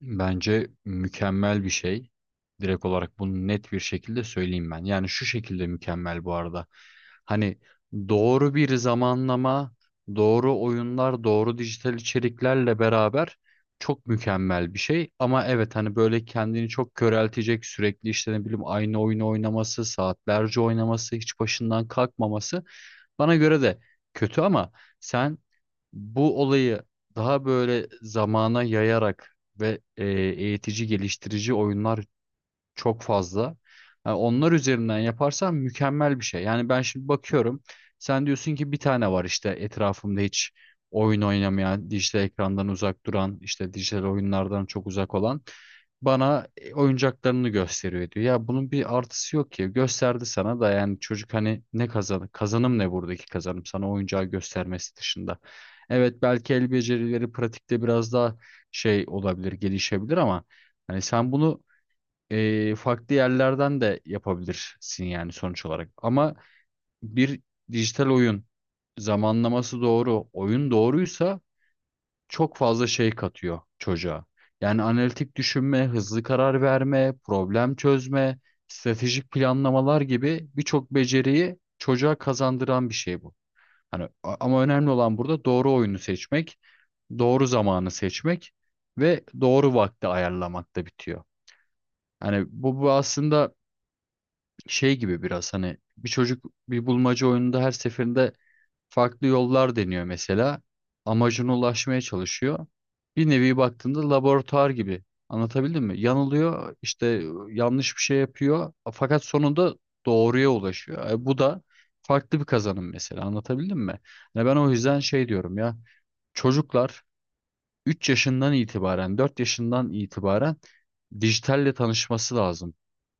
Bence mükemmel bir şey. Direkt olarak bunu net bir şekilde söyleyeyim ben. Yani şu şekilde mükemmel bu arada. Hani doğru bir zamanlama, doğru oyunlar, doğru dijital içeriklerle beraber çok mükemmel bir şey. Ama evet hani böyle kendini çok köreltecek sürekli işte ne bileyim aynı oyunu oynaması, saatlerce oynaması, hiç başından kalkmaması bana göre de kötü ama sen bu olayı daha böyle zamana yayarak ve eğitici, geliştirici oyunlar çok fazla. Yani onlar üzerinden yaparsan mükemmel bir şey. Yani ben şimdi bakıyorum. Sen diyorsun ki bir tane var işte etrafımda hiç oyun oynamayan, dijital ekrandan uzak duran, işte dijital oyunlardan çok uzak olan bana oyuncaklarını gösteriyor diyor. Ya bunun bir artısı yok ki. Gösterdi sana da yani çocuk hani ne kazanım ne buradaki kazanım sana oyuncağı göstermesi dışında. Evet belki el becerileri pratikte biraz daha şey olabilir, gelişebilir ama hani sen bunu farklı yerlerden de yapabilirsin yani sonuç olarak. Ama bir dijital oyun zamanlaması doğru, oyun doğruysa çok fazla şey katıyor çocuğa. Yani analitik düşünme, hızlı karar verme, problem çözme, stratejik planlamalar gibi birçok beceriyi çocuğa kazandıran bir şey bu. Hani ama önemli olan burada doğru oyunu seçmek, doğru zamanı seçmek ve doğru vakti ayarlamakta bitiyor. Hani bu aslında şey gibi biraz hani bir çocuk bir bulmaca oyununda her seferinde farklı yollar deniyor mesela. Amacına ulaşmaya çalışıyor. Bir nevi baktığında laboratuvar gibi. Anlatabildim mi? Yanılıyor, işte yanlış bir şey yapıyor fakat sonunda doğruya ulaşıyor. Bu da farklı bir kazanım mesela. Anlatabildim mi? Yani ben o yüzden şey diyorum ya. Çocuklar 3 yaşından itibaren, 4 yaşından itibaren dijitalle tanışması lazım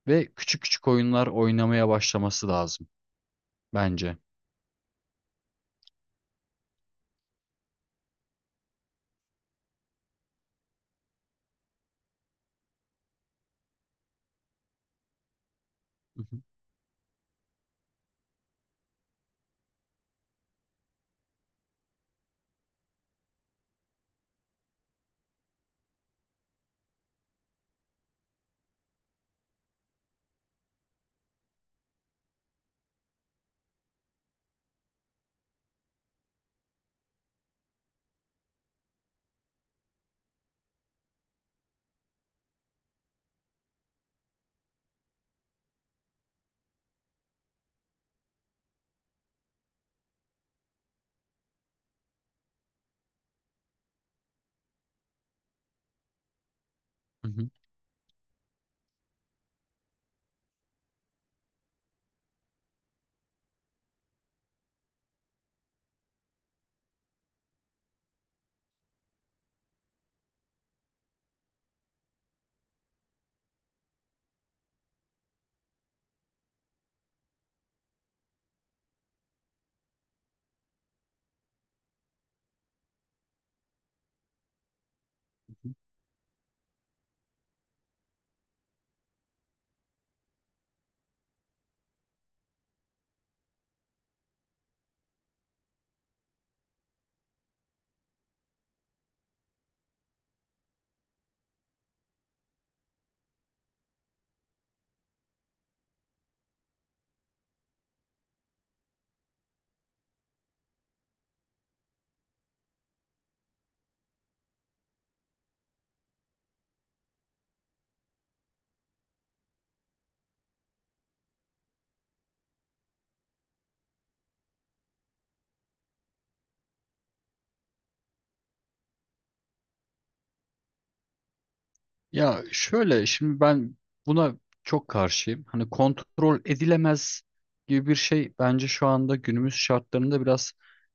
ve küçük küçük oyunlar oynamaya başlaması lazım bence. Hı hı, hı hı. Ya şöyle şimdi ben buna çok karşıyım. Hani kontrol edilemez gibi bir şey bence şu anda günümüz şartlarında biraz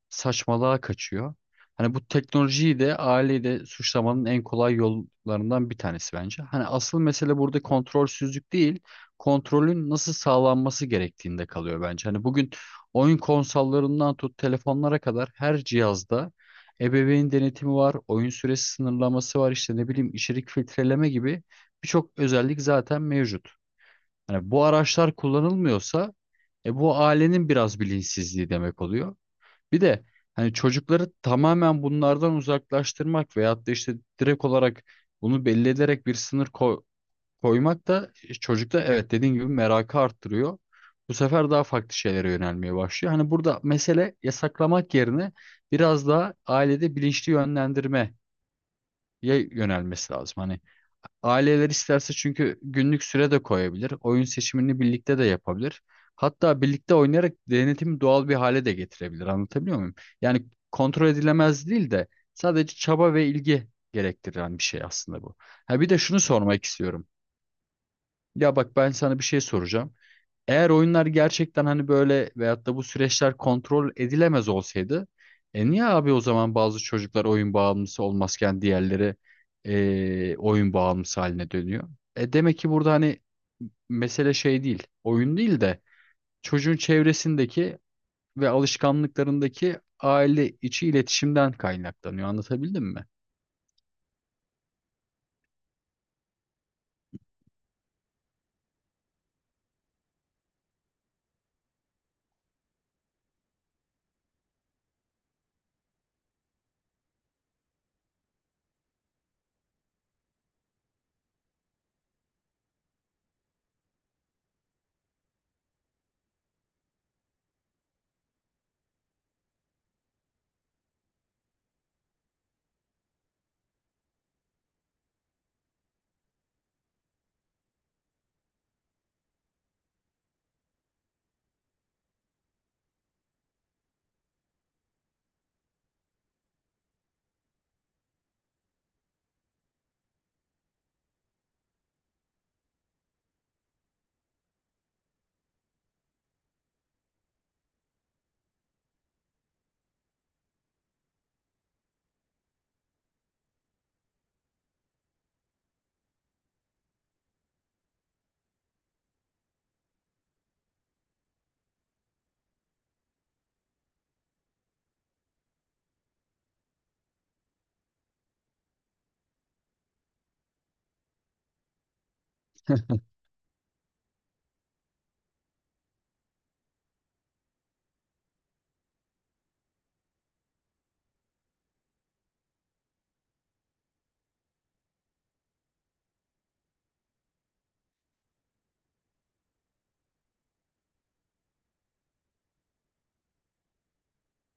saçmalığa kaçıyor. Hani bu teknolojiyi de aileyi de suçlamanın en kolay yollarından bir tanesi bence. Hani asıl mesele burada kontrolsüzlük değil, kontrolün nasıl sağlanması gerektiğinde kalıyor bence. Hani bugün oyun konsollarından tut telefonlara kadar her cihazda ebeveyn denetimi var, oyun süresi sınırlaması var, işte ne bileyim içerik filtreleme gibi birçok özellik zaten mevcut. Yani bu araçlar kullanılmıyorsa bu ailenin biraz bilinçsizliği demek oluyor. Bir de hani çocukları tamamen bunlardan uzaklaştırmak veyahut da işte direkt olarak bunu belli ederek bir sınır koymak da çocukta evet dediğin gibi merakı arttırıyor. Bu sefer daha farklı şeylere yönelmeye başlıyor. Hani burada mesele yasaklamak yerine biraz daha ailede bilinçli yönlendirmeye yönelmesi lazım. Hani aileler isterse çünkü günlük süre de koyabilir. Oyun seçimini birlikte de yapabilir. Hatta birlikte oynayarak denetimi doğal bir hale de getirebilir. Anlatabiliyor muyum? Yani kontrol edilemez değil de sadece çaba ve ilgi gerektiren bir şey aslında bu. Ha bir de şunu sormak istiyorum. Ya bak ben sana bir şey soracağım. Eğer oyunlar gerçekten hani böyle veyahut da bu süreçler kontrol edilemez olsaydı, e niye abi o zaman bazı çocuklar oyun bağımlısı olmazken diğerleri oyun bağımlısı haline dönüyor? E demek ki burada hani mesele şey değil, oyun değil de çocuğun çevresindeki ve alışkanlıklarındaki aile içi iletişimden kaynaklanıyor. Anlatabildim mi?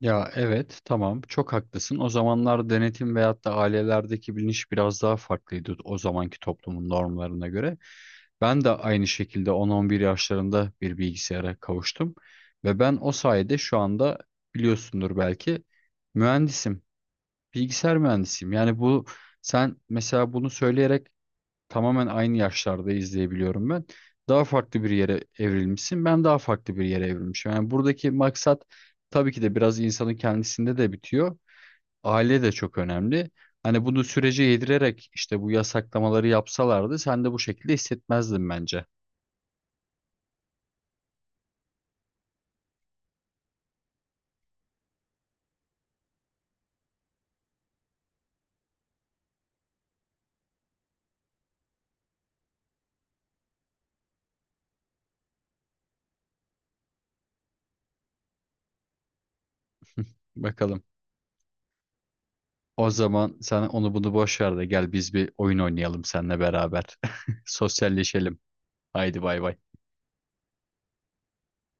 Ya evet tamam çok haklısın. O zamanlar denetim veyahut da ailelerdeki bilinç biraz daha farklıydı o zamanki toplumun normlarına göre. Ben de aynı şekilde 10-11 yaşlarında bir bilgisayara kavuştum ve ben o sayede şu anda biliyorsundur belki mühendisim, bilgisayar mühendisiyim. Yani bu sen mesela bunu söyleyerek tamamen aynı yaşlarda izleyebiliyorum ben. Daha farklı bir yere evrilmişsin. Ben daha farklı bir yere evrilmişim. Yani buradaki maksat tabii ki de biraz insanın kendisinde de bitiyor. Aile de çok önemli. Hani bunu sürece yedirerek işte bu yasaklamaları yapsalardı sen de bu şekilde hissetmezdin bence. Bakalım. O zaman sen onu bunu boş ver de gel biz bir oyun oynayalım seninle beraber. Sosyalleşelim. Haydi bay bay.